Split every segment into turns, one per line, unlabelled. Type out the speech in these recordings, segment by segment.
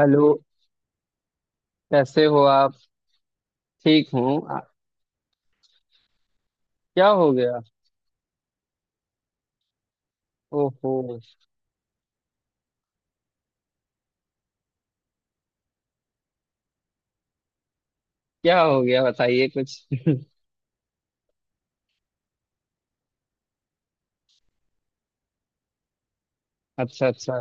Hello, कैसे हो आप। ठीक हूँ। आ- क्या हो गया। ओहो, क्या हो गया बताइए कुछ। अच्छा, अच्छा।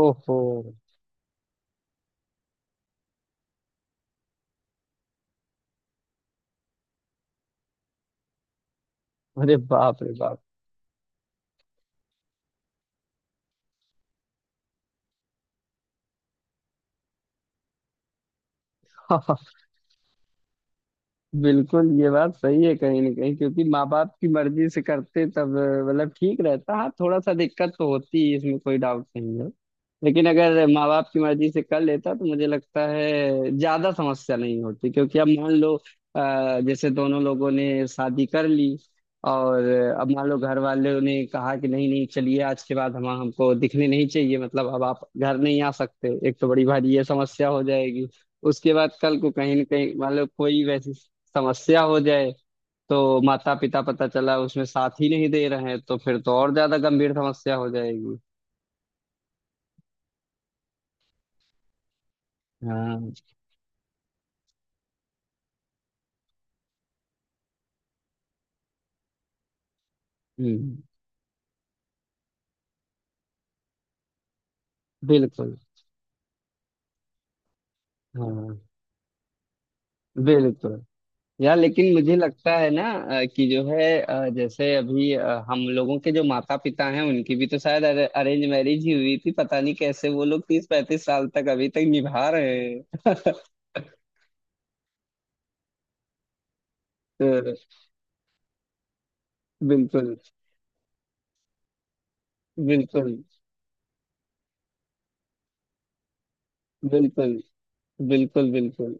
ओहो। अरे बाप रे बाप। बिल्कुल, ये बात सही है कहीं ना कहीं क्योंकि माँ बाप की मर्जी से करते तब मतलब ठीक रहता हाँ थोड़ा सा दिक्कत तो होती है इसमें कोई डाउट नहीं है। लेकिन अगर माँ बाप की मर्जी से कर लेता तो मुझे लगता है ज्यादा समस्या नहीं होती क्योंकि अब मान लो जैसे दोनों लोगों ने शादी कर ली और अब मान लो घर वालों ने कहा कि नहीं नहीं चलिए आज के बाद हम हमको दिखने नहीं चाहिए मतलब अब आप घर नहीं आ सकते एक तो बड़ी भारी ये समस्या हो जाएगी। उसके बाद कल को कहीं ना कहीं मतलब कोई वैसी समस्या हो जाए तो माता पिता पता चला उसमें साथ ही नहीं दे रहे हैं तो फिर तो और ज्यादा गंभीर समस्या हो जाएगी। हाँ हम्म, बिल्कुल हाँ बिल्कुल। यार लेकिन मुझे लगता है ना कि जो है जैसे अभी हम लोगों के जो माता पिता हैं उनकी भी तो शायद अरेंज मैरिज ही हुई थी पता नहीं कैसे वो लोग 30-35 साल तक अभी तक निभा रहे हैं। तो बिल्कुल, बिल्कुल बिल्कुल बिल्कुल बिल्कुल।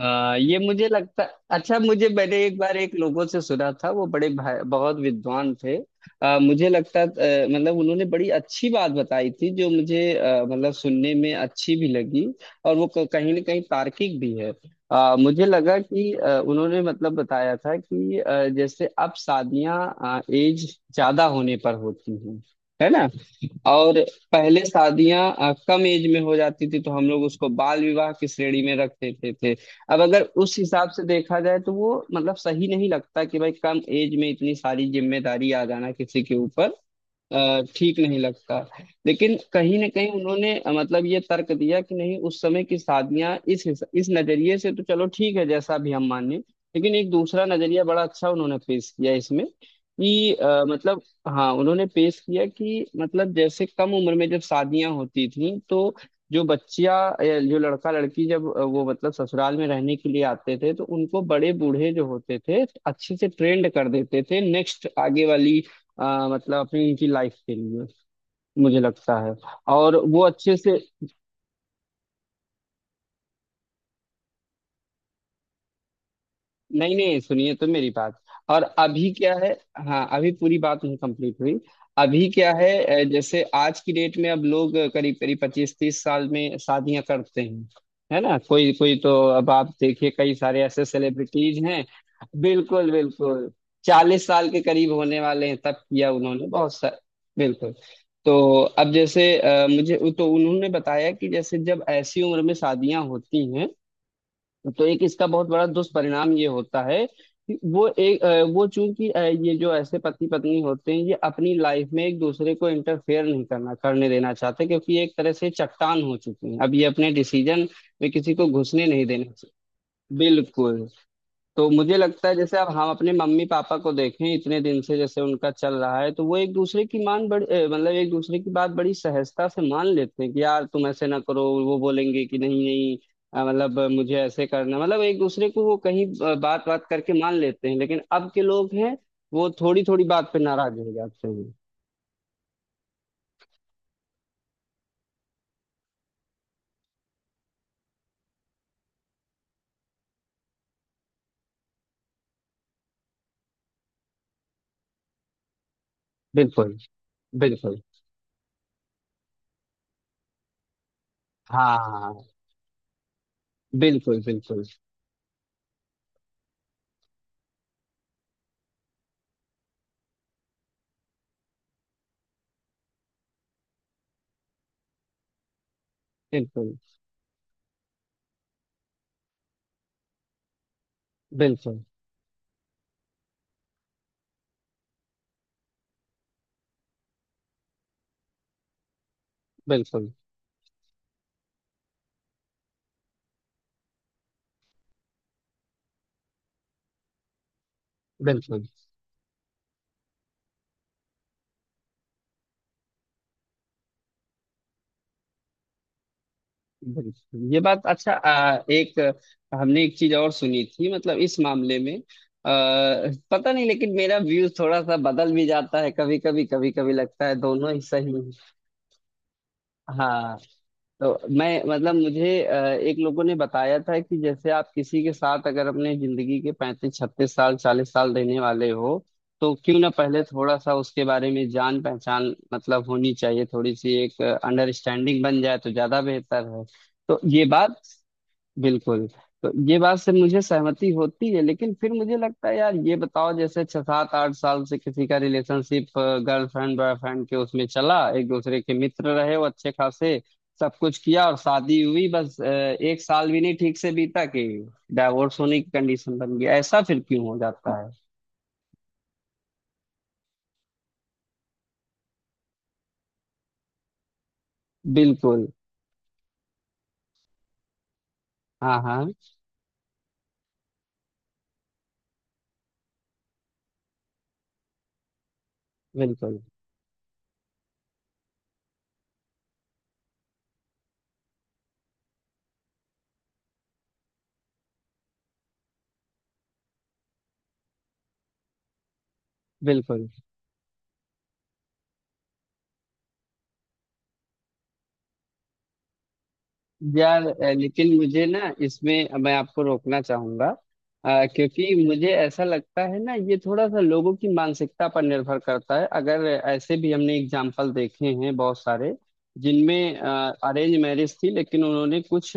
ये मुझे लगता अच्छा मुझे मैंने एक बार एक लोगों से सुना था वो बड़े भाई बहुत विद्वान थे। मुझे लगता मतलब उन्होंने बड़ी अच्छी बात बताई थी जो मुझे मतलब सुनने में अच्छी भी लगी और वो कहीं ना कहीं तार्किक भी है। मुझे लगा कि उन्होंने मतलब बताया था कि जैसे अब शादियां एज ज्यादा होने पर होती हैं है ना। और पहले शादियां कम एज में हो जाती थी तो हम लोग उसको बाल विवाह की श्रेणी में रख देते थे। अब अगर उस हिसाब से देखा जाए तो वो मतलब सही नहीं लगता कि भाई कम एज में इतनी सारी जिम्मेदारी आ जाना किसी के ऊपर। ठीक नहीं लगता। लेकिन कहीं ना कहीं उन्होंने मतलब ये तर्क दिया कि नहीं उस समय की शादियां इस इस नजरिए से तो चलो ठीक है जैसा भी हम माने। लेकिन एक दूसरा नजरिया बड़ा अच्छा उन्होंने पेश किया इसमें कि मतलब हाँ उन्होंने पेश किया कि मतलब जैसे कम उम्र में जब शादियां होती थी तो जो बच्चिया या जो लड़का लड़की जब वो मतलब ससुराल में रहने के लिए आते थे तो उनको बड़े बूढ़े जो होते थे अच्छे से ट्रेंड कर देते थे नेक्स्ट आगे वाली मतलब अपनी इनकी लाइफ के लिए मुझे लगता है और वो अच्छे से। नहीं नहीं सुनिए तो मेरी बात और अभी क्या है। हाँ अभी पूरी बात नहीं कंप्लीट हुई। अभी क्या है जैसे आज की डेट में अब लोग करीब करीब 25-30 साल में शादियां करते हैं है ना। कोई कोई तो अब आप देखिए कई सारे ऐसे सेलिब्रिटीज हैं बिल्कुल बिल्कुल 40 साल के करीब होने वाले हैं तब किया उन्होंने बहुत सारे। बिल्कुल। तो अब जैसे मुझे तो उन्होंने बताया कि जैसे जब ऐसी उम्र में शादियां होती हैं तो एक इसका बहुत बड़ा दुष्परिणाम ये होता है कि वो एक वो चूंकि ये जो ऐसे पति पत्नी होते हैं ये अपनी लाइफ में एक दूसरे को इंटरफेयर नहीं करना करने देना चाहते क्योंकि ये एक तरह से चट्टान हो चुकी हैं अब ये अपने डिसीजन में किसी को घुसने नहीं देना चाहिए। बिल्कुल। तो मुझे लगता है जैसे अब हम अपने मम्मी पापा को देखें इतने दिन से जैसे उनका चल रहा है तो वो एक दूसरे की मान बड़ी मतलब एक दूसरे की बात बड़ी सहजता से मान लेते हैं कि यार तुम ऐसे ना करो वो बोलेंगे कि नहीं नहीं मतलब मुझे ऐसे करना मतलब एक दूसरे को वो कहीं बात बात करके मान लेते हैं। लेकिन अब के लोग हैं वो थोड़ी थोड़ी बात पे नाराज हो जाते हैं। बिल्कुल बिल्कुल, हाँ हाँ, हाँ, बिल्कुल बिल्कुल बिल्कुल बिल्कुल बिल्कुल बिल्कुल बिल्कुल। ये बात अच्छा एक हमने एक चीज और सुनी थी मतलब इस मामले में पता नहीं लेकिन मेरा व्यूज थोड़ा सा बदल भी जाता है कभी कभी कभी कभी लगता है दोनों ही सही हैं। हाँ तो मैं मतलब मुझे एक लोगों ने बताया था कि जैसे आप किसी के साथ अगर अपने जिंदगी के 35-36 साल 40 साल रहने वाले हो तो क्यों ना पहले थोड़ा सा उसके बारे में जान पहचान मतलब होनी चाहिए थोड़ी सी एक अंडरस्टैंडिंग बन जाए तो ज्यादा बेहतर है। तो ये बात बिल्कुल, तो ये बात से मुझे सहमति होती है। लेकिन फिर मुझे लगता है यार ये बताओ जैसे 6-7-8 साल से किसी का रिलेशनशिप गर्लफ्रेंड बॉयफ्रेंड के उसमें चला एक दूसरे के मित्र रहे वो अच्छे खासे सब कुछ किया और शादी हुई बस एक साल भी नहीं ठीक से बीता कि डाइवोर्स होने की कंडीशन बन गई ऐसा फिर क्यों हो जाता है। बिल्कुल हाँ हाँ बिल्कुल बिल्कुल। यार लेकिन मुझे ना इसमें मैं आपको रोकना चाहूंगा क्योंकि मुझे ऐसा लगता है ना ये थोड़ा सा लोगों की मानसिकता पर निर्भर करता है अगर ऐसे भी हमने एग्जाम्पल देखे हैं बहुत सारे जिनमें अरेंज मैरिज थी लेकिन उन्होंने कुछ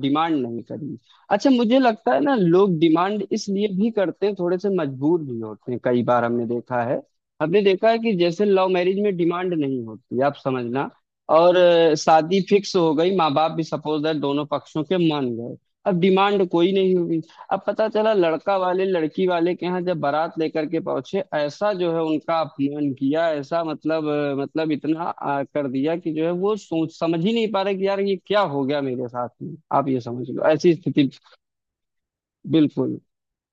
डिमांड नहीं करी। अच्छा मुझे लगता है ना लोग डिमांड इसलिए भी करते हैं थोड़े से मजबूर भी होते हैं कई बार हमने देखा है। हमने देखा है कि जैसे लव मैरिज में डिमांड नहीं होती आप समझना और शादी फिक्स हो गई माँ बाप भी सपोज दैट दोनों पक्षों के मान गए अब डिमांड कोई नहीं हुई। अब पता चला लड़का वाले लड़की वाले के यहाँ जब बारात लेकर के पहुंचे ऐसा जो है उनका अपमान किया ऐसा मतलब मतलब इतना कर दिया कि जो है वो सोच समझ ही नहीं पा रहे कि यार ये क्या हो गया मेरे साथ में आप ये समझ लो ऐसी स्थिति। बिल्कुल।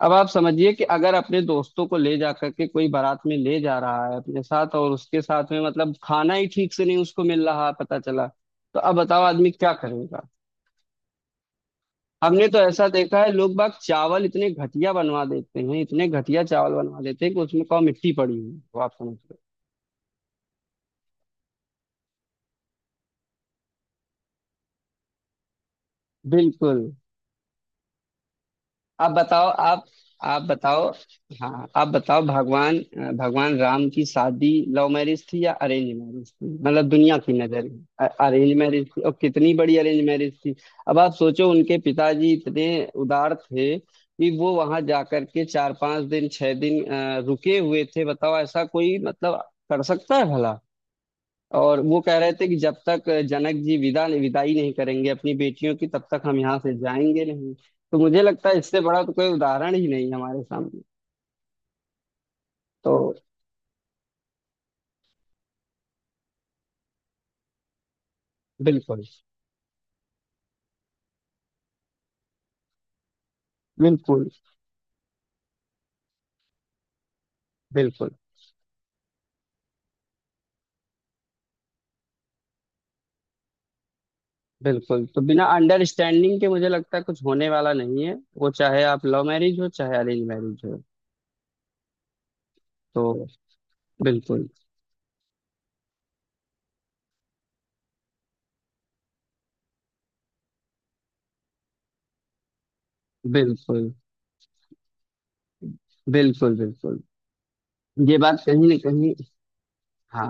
अब आप समझिए कि अगर अपने दोस्तों को ले जा करके कोई बारात में ले जा रहा है अपने साथ और उसके साथ में मतलब खाना ही ठीक से नहीं उसको मिल रहा है पता चला तो अब बताओ आदमी क्या करेगा। हमने तो ऐसा देखा है लोग बाग चावल इतने घटिया बनवा देते हैं इतने घटिया चावल बनवा देते हैं कि उसमें कौ मिट्टी पड़ी हुई है, वो आप समझ रहे हो। बिल्कुल। आप बताओ, आप बताओ, हाँ आप बताओ। भगवान, भगवान राम की शादी लव मैरिज थी या अरेंज मैरिज थी मतलब दुनिया की नजर में अरेंज मैरिज थी और कितनी बड़ी अरेंज मैरिज थी। अब आप सोचो उनके पिताजी इतने उदार थे कि वो वहां जाकर के 4-5 दिन 6 दिन रुके हुए थे बताओ ऐसा कोई मतलब कर सकता है भला। और वो कह रहे थे कि जब तक जनक जी विदा विदाई नहीं करेंगे अपनी बेटियों की तब तक हम यहाँ से जाएंगे नहीं। तो मुझे लगता है इससे बड़ा तो कोई उदाहरण ही नहीं है हमारे सामने। तो बिल्कुल बिल्कुल बिल्कुल बिल्कुल। तो बिना अंडरस्टैंडिंग के मुझे लगता है कुछ होने वाला नहीं है वो चाहे आप लव मैरिज हो चाहे अरेंज मैरिज हो। तो बिल्कुल बिल्कुल बिल्कुल बिल्कुल ये बात कहीं ना कहीं, हाँ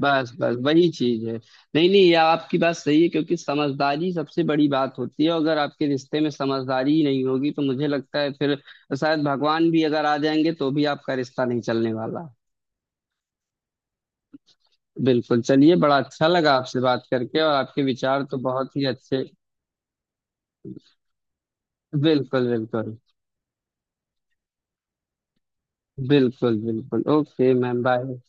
बस बस वही चीज है। नहीं नहीं यह आपकी बात सही है क्योंकि समझदारी सबसे बड़ी बात होती है अगर आपके रिश्ते में समझदारी ही नहीं होगी तो मुझे लगता है फिर शायद भगवान भी अगर आ जाएंगे तो भी आपका रिश्ता नहीं चलने वाला। बिल्कुल चलिए बड़ा अच्छा लगा आपसे बात करके और आपके विचार तो बहुत ही अच्छे बिल्कुल बिल्कुल बिल्कुल बिल्कुल। Okay ma'am bye.